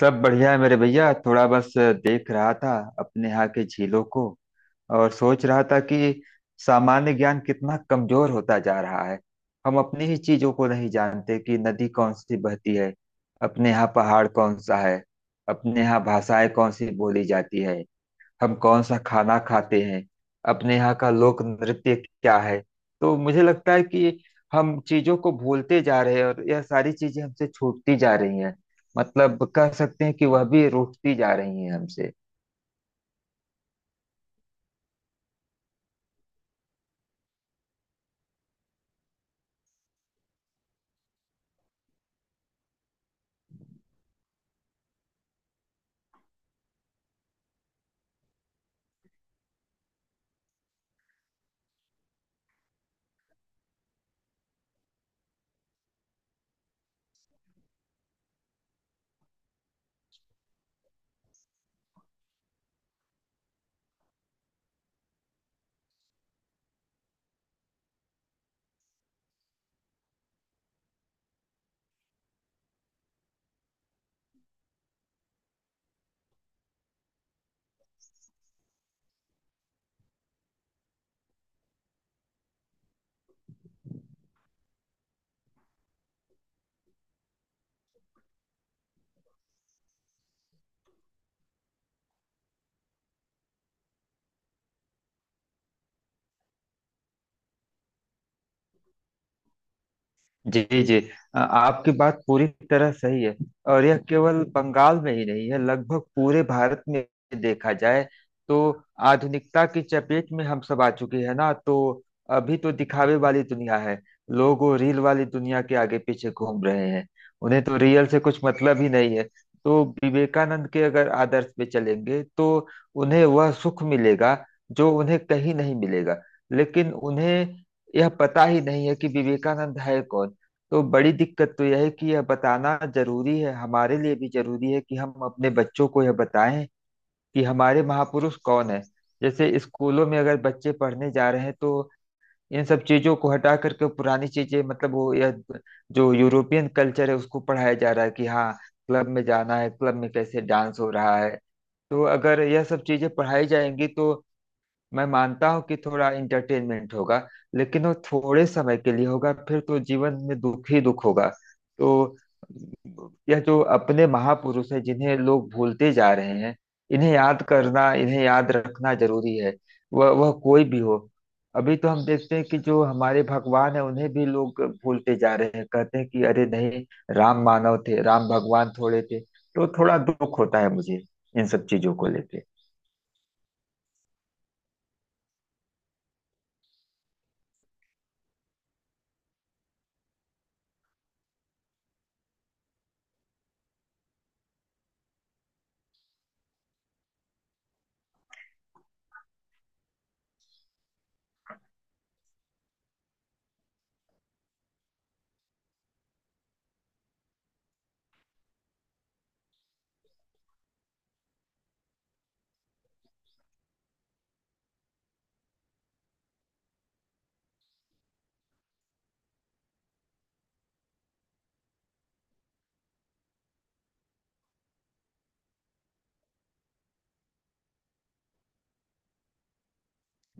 सब बढ़िया है मेरे भैया, थोड़ा बस देख रहा था अपने यहाँ के झीलों को। और सोच रहा था कि सामान्य ज्ञान कितना कमजोर होता जा रहा है। हम अपनी ही चीजों को नहीं जानते कि नदी कौन सी बहती है, अपने यहाँ पहाड़ कौन सा है, अपने यहाँ भाषाएं कौन सी बोली जाती है, हम कौन सा खाना खाते हैं, अपने यहाँ का लोक नृत्य क्या है। तो मुझे लगता है कि हम चीजों को भूलते जा रहे हैं और यह सारी चीजें हमसे छूटती जा रही हैं। मतलब कह सकते हैं कि वह भी रूठती जा रही हैं हमसे। जी जी। आपकी बात पूरी तरह सही है। और यह केवल बंगाल में ही नहीं है, लगभग पूरे भारत में। देखा जाए तो आधुनिकता की चपेट में हम सब आ चुके हैं ना। तो अभी तो दिखावे वाली दुनिया है, लोग वो रील वाली दुनिया के आगे पीछे घूम रहे हैं। उन्हें तो रियल से कुछ मतलब ही नहीं है। तो विवेकानंद के अगर आदर्श पे चलेंगे तो उन्हें वह सुख मिलेगा जो उन्हें कहीं नहीं मिलेगा। लेकिन उन्हें यह पता ही नहीं है कि विवेकानंद है कौन। तो बड़ी दिक्कत तो यह है कि यह बताना जरूरी है, हमारे लिए भी जरूरी है कि हम अपने बच्चों को यह बताएं कि हमारे महापुरुष कौन है। जैसे स्कूलों में अगर बच्चे पढ़ने जा रहे हैं तो इन सब चीजों को हटा करके पुरानी चीजें, मतलब वो यह जो यूरोपियन कल्चर है उसको पढ़ाया जा रहा है कि हाँ, क्लब में जाना है, क्लब में कैसे डांस हो रहा है। तो अगर यह सब चीजें पढ़ाई जाएंगी तो मैं मानता हूँ कि थोड़ा इंटरटेनमेंट होगा, लेकिन वो थोड़े समय के लिए होगा, फिर तो जीवन में दुख ही दुख होगा। तो यह जो अपने महापुरुष हैं जिन्हें लोग भूलते जा रहे हैं, इन्हें याद करना, इन्हें याद रखना जरूरी है। वह कोई भी हो। अभी तो हम देखते हैं कि जो हमारे भगवान है उन्हें भी लोग भूलते जा रहे हैं, कहते हैं कि अरे नहीं, राम मानव थे, राम भगवान थोड़े थे। तो थोड़ा दुख होता है मुझे इन सब चीजों को लेके।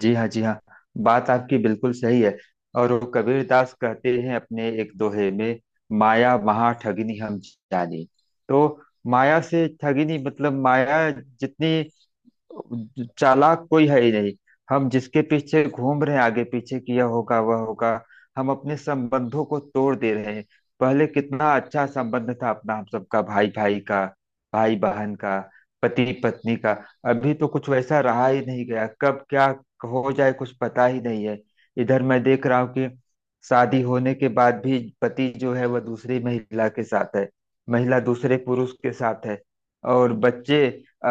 जी हाँ जी हाँ। बात आपकी बिल्कुल सही है। और वो कबीरदास कहते हैं अपने एक दोहे में, माया महा ठगिनी हम जानी। तो माया से ठगिनी, मतलब माया जितनी चालाक कोई है ही नहीं। हम जिसके पीछे घूम रहे हैं, आगे पीछे किया होगा वह होगा। हम अपने संबंधों को तोड़ दे रहे हैं। पहले कितना अच्छा संबंध था अपना, हम सबका, भाई भाई का, भाई बहन का, पति पत्नी का। अभी तो कुछ वैसा रहा ही नहीं गया, कब क्या हो जाए कुछ पता ही नहीं है। इधर मैं देख रहा हूँ कि शादी होने के बाद भी पति जो है वह दूसरी महिला के साथ है, महिला दूसरे पुरुष के साथ है, और बच्चे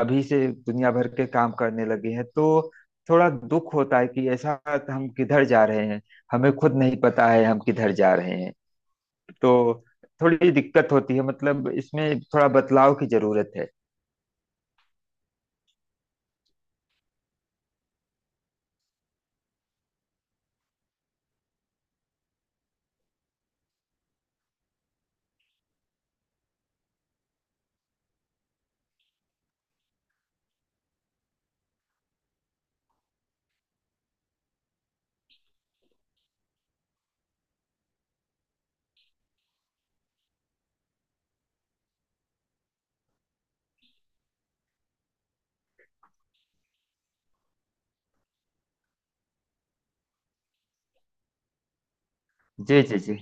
अभी से दुनिया भर के काम करने लगे हैं। तो थोड़ा दुख होता है कि ऐसा हम किधर जा रहे हैं। हमें खुद नहीं पता है हम किधर जा रहे हैं। तो थोड़ी दिक्कत होती है, मतलब इसमें थोड़ा बदलाव की जरूरत है। जी जी जी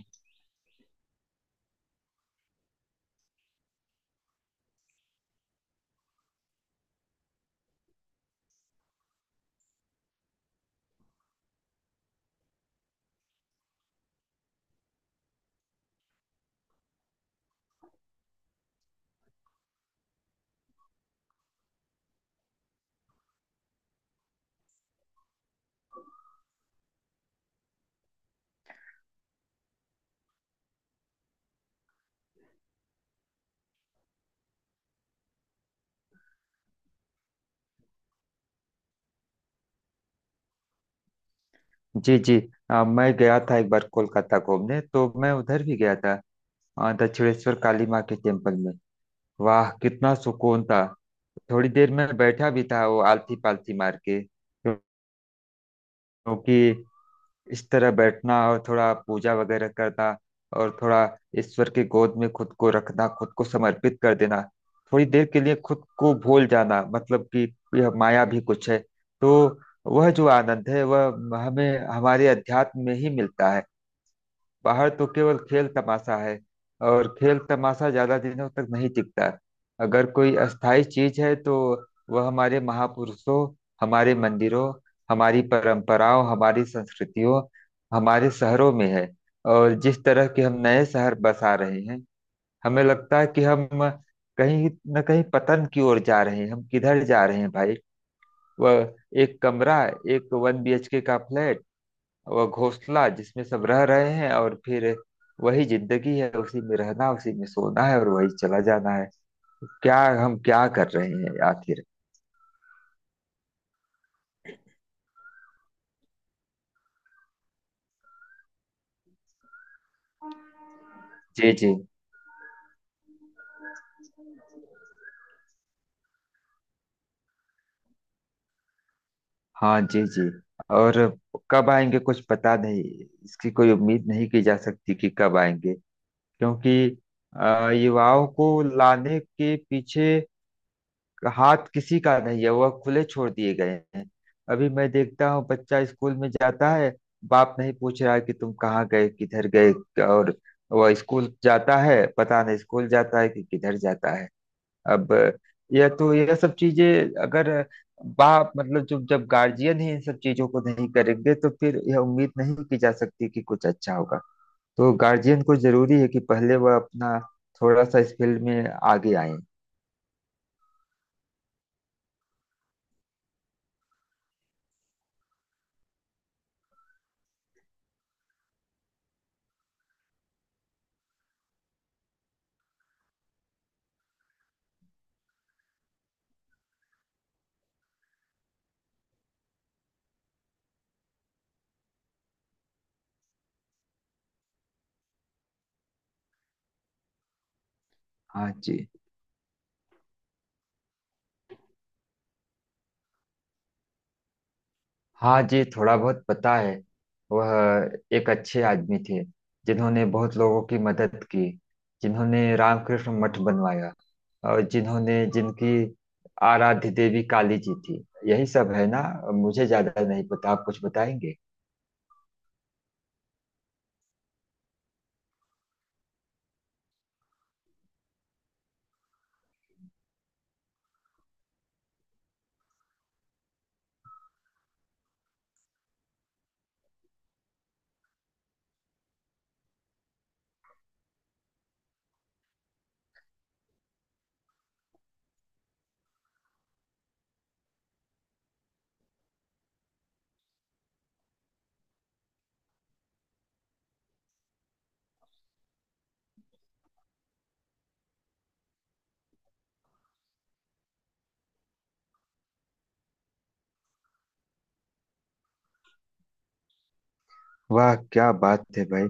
जी जी। मैं गया था एक बार कोलकाता घूमने, तो मैं उधर भी गया था। दक्षिणेश्वर काली माँ के टेम्पल में। वाह, कितना सुकून था। थोड़ी देर में बैठा भी था वो आलती पालती मार के, क्योंकि इस तरह बैठना और थोड़ा पूजा वगैरह करना, और थोड़ा ईश्वर की गोद में खुद को रखना, खुद को समर्पित कर देना, थोड़ी देर के लिए खुद को भूल जाना, मतलब कि यह माया भी कुछ है। तो वह जो आनंद है वह हमें हमारे अध्यात्म में ही मिलता है। बाहर तो केवल खेल तमाशा है, और खेल तमाशा ज्यादा दिनों तक नहीं टिकता। अगर कोई अस्थाई चीज है तो वह हमारे महापुरुषों, हमारे मंदिरों, हमारी परंपराओं, हमारी संस्कृतियों, हमारे शहरों में है। और जिस तरह के हम नए शहर बसा रहे हैं, हमें लगता है कि हम कहीं न कहीं पतन की ओर जा रहे हैं। हम किधर जा रहे हैं भाई? वह एक कमरा, एक 1 BHK का फ्लैट, वह घोंसला जिसमें सब रह रहे हैं, और फिर वही जिंदगी है, उसी में रहना, उसी में सोना है, और वही चला जाना है। क्या हम क्या कर रहे हैं आखिर? जी जी। हाँ जी जी। और कब आएंगे कुछ पता नहीं, इसकी कोई उम्मीद नहीं की जा सकती कि कब आएंगे। क्योंकि युवाओं को लाने के पीछे हाथ किसी का नहीं है, वह खुले छोड़ दिए गए हैं। अभी मैं देखता हूँ बच्चा स्कूल में जाता है, बाप नहीं पूछ रहा कि तुम कहाँ गए, किधर गए। और वह स्कूल जाता है, पता नहीं स्कूल जाता है कि किधर जाता है। अब यह तो, यह सब चीजें अगर, बाप मतलब जो, जब गार्जियन ही इन सब चीजों को नहीं करेंगे तो फिर यह उम्मीद नहीं की जा सकती कि कुछ अच्छा होगा। तो गार्जियन को जरूरी है कि पहले वह अपना थोड़ा सा इस फील्ड में आगे आए। हाँ जी। हाँ जी, थोड़ा बहुत पता है। वह एक अच्छे आदमी थे जिन्होंने बहुत लोगों की मदद की, जिन्होंने रामकृष्ण मठ बनवाया, और जिन्होंने, जिनकी आराध्य देवी काली जी थी। यही सब है ना? मुझे ज्यादा नहीं पता, आप कुछ बताएंगे? वाह क्या बात है भाई।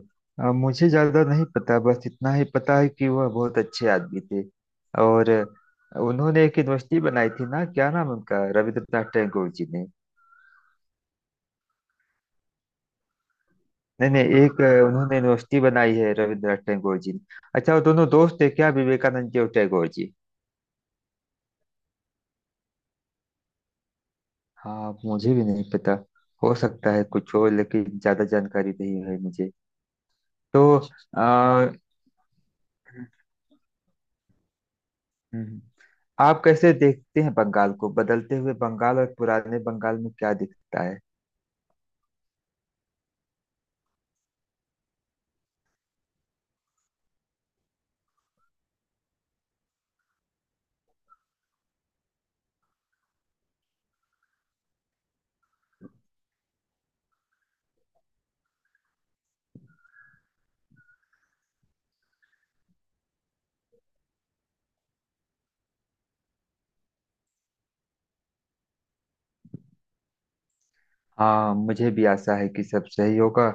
मुझे ज्यादा नहीं पता, बस इतना ही पता है कि वह बहुत अच्छे आदमी थे। और उन्होंने एक यूनिवर्सिटी बनाई थी ना, क्या नाम उनका, रविंद्रनाथ टैगोर जी ने। नहीं नहीं, एक उन्होंने यूनिवर्सिटी बनाई है रविंद्रनाथ टैगोर जी ने। अच्छा, वो दोनों दोस्त है क्या, विवेकानंद जी और टैगोर जी? हाँ मुझे भी नहीं पता। हो सकता है कुछ हो, लेकिन ज्यादा जानकारी नहीं है मुझे। तो आ, आप कैसे देखते हैं बंगाल को? बदलते हुए बंगाल और पुराने बंगाल में क्या दिखता है? हाँ मुझे भी आशा है कि सब सही होगा,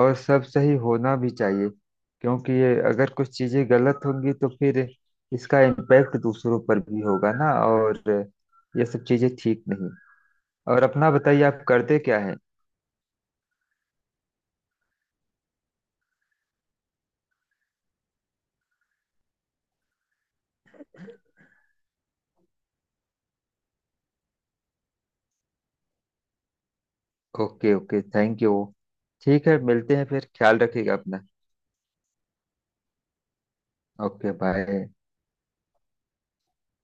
और सब सही होना भी चाहिए। क्योंकि ये अगर कुछ चीजें गलत होंगी तो फिर इसका इम्पैक्ट दूसरों पर भी होगा ना। और ये सब चीजें ठीक नहीं। और अपना बताइए, आप करते क्या है? Okay okay thank you. ठीक है, मिलते हैं फिर, ख्याल रखिएगा अपना। Okay bye.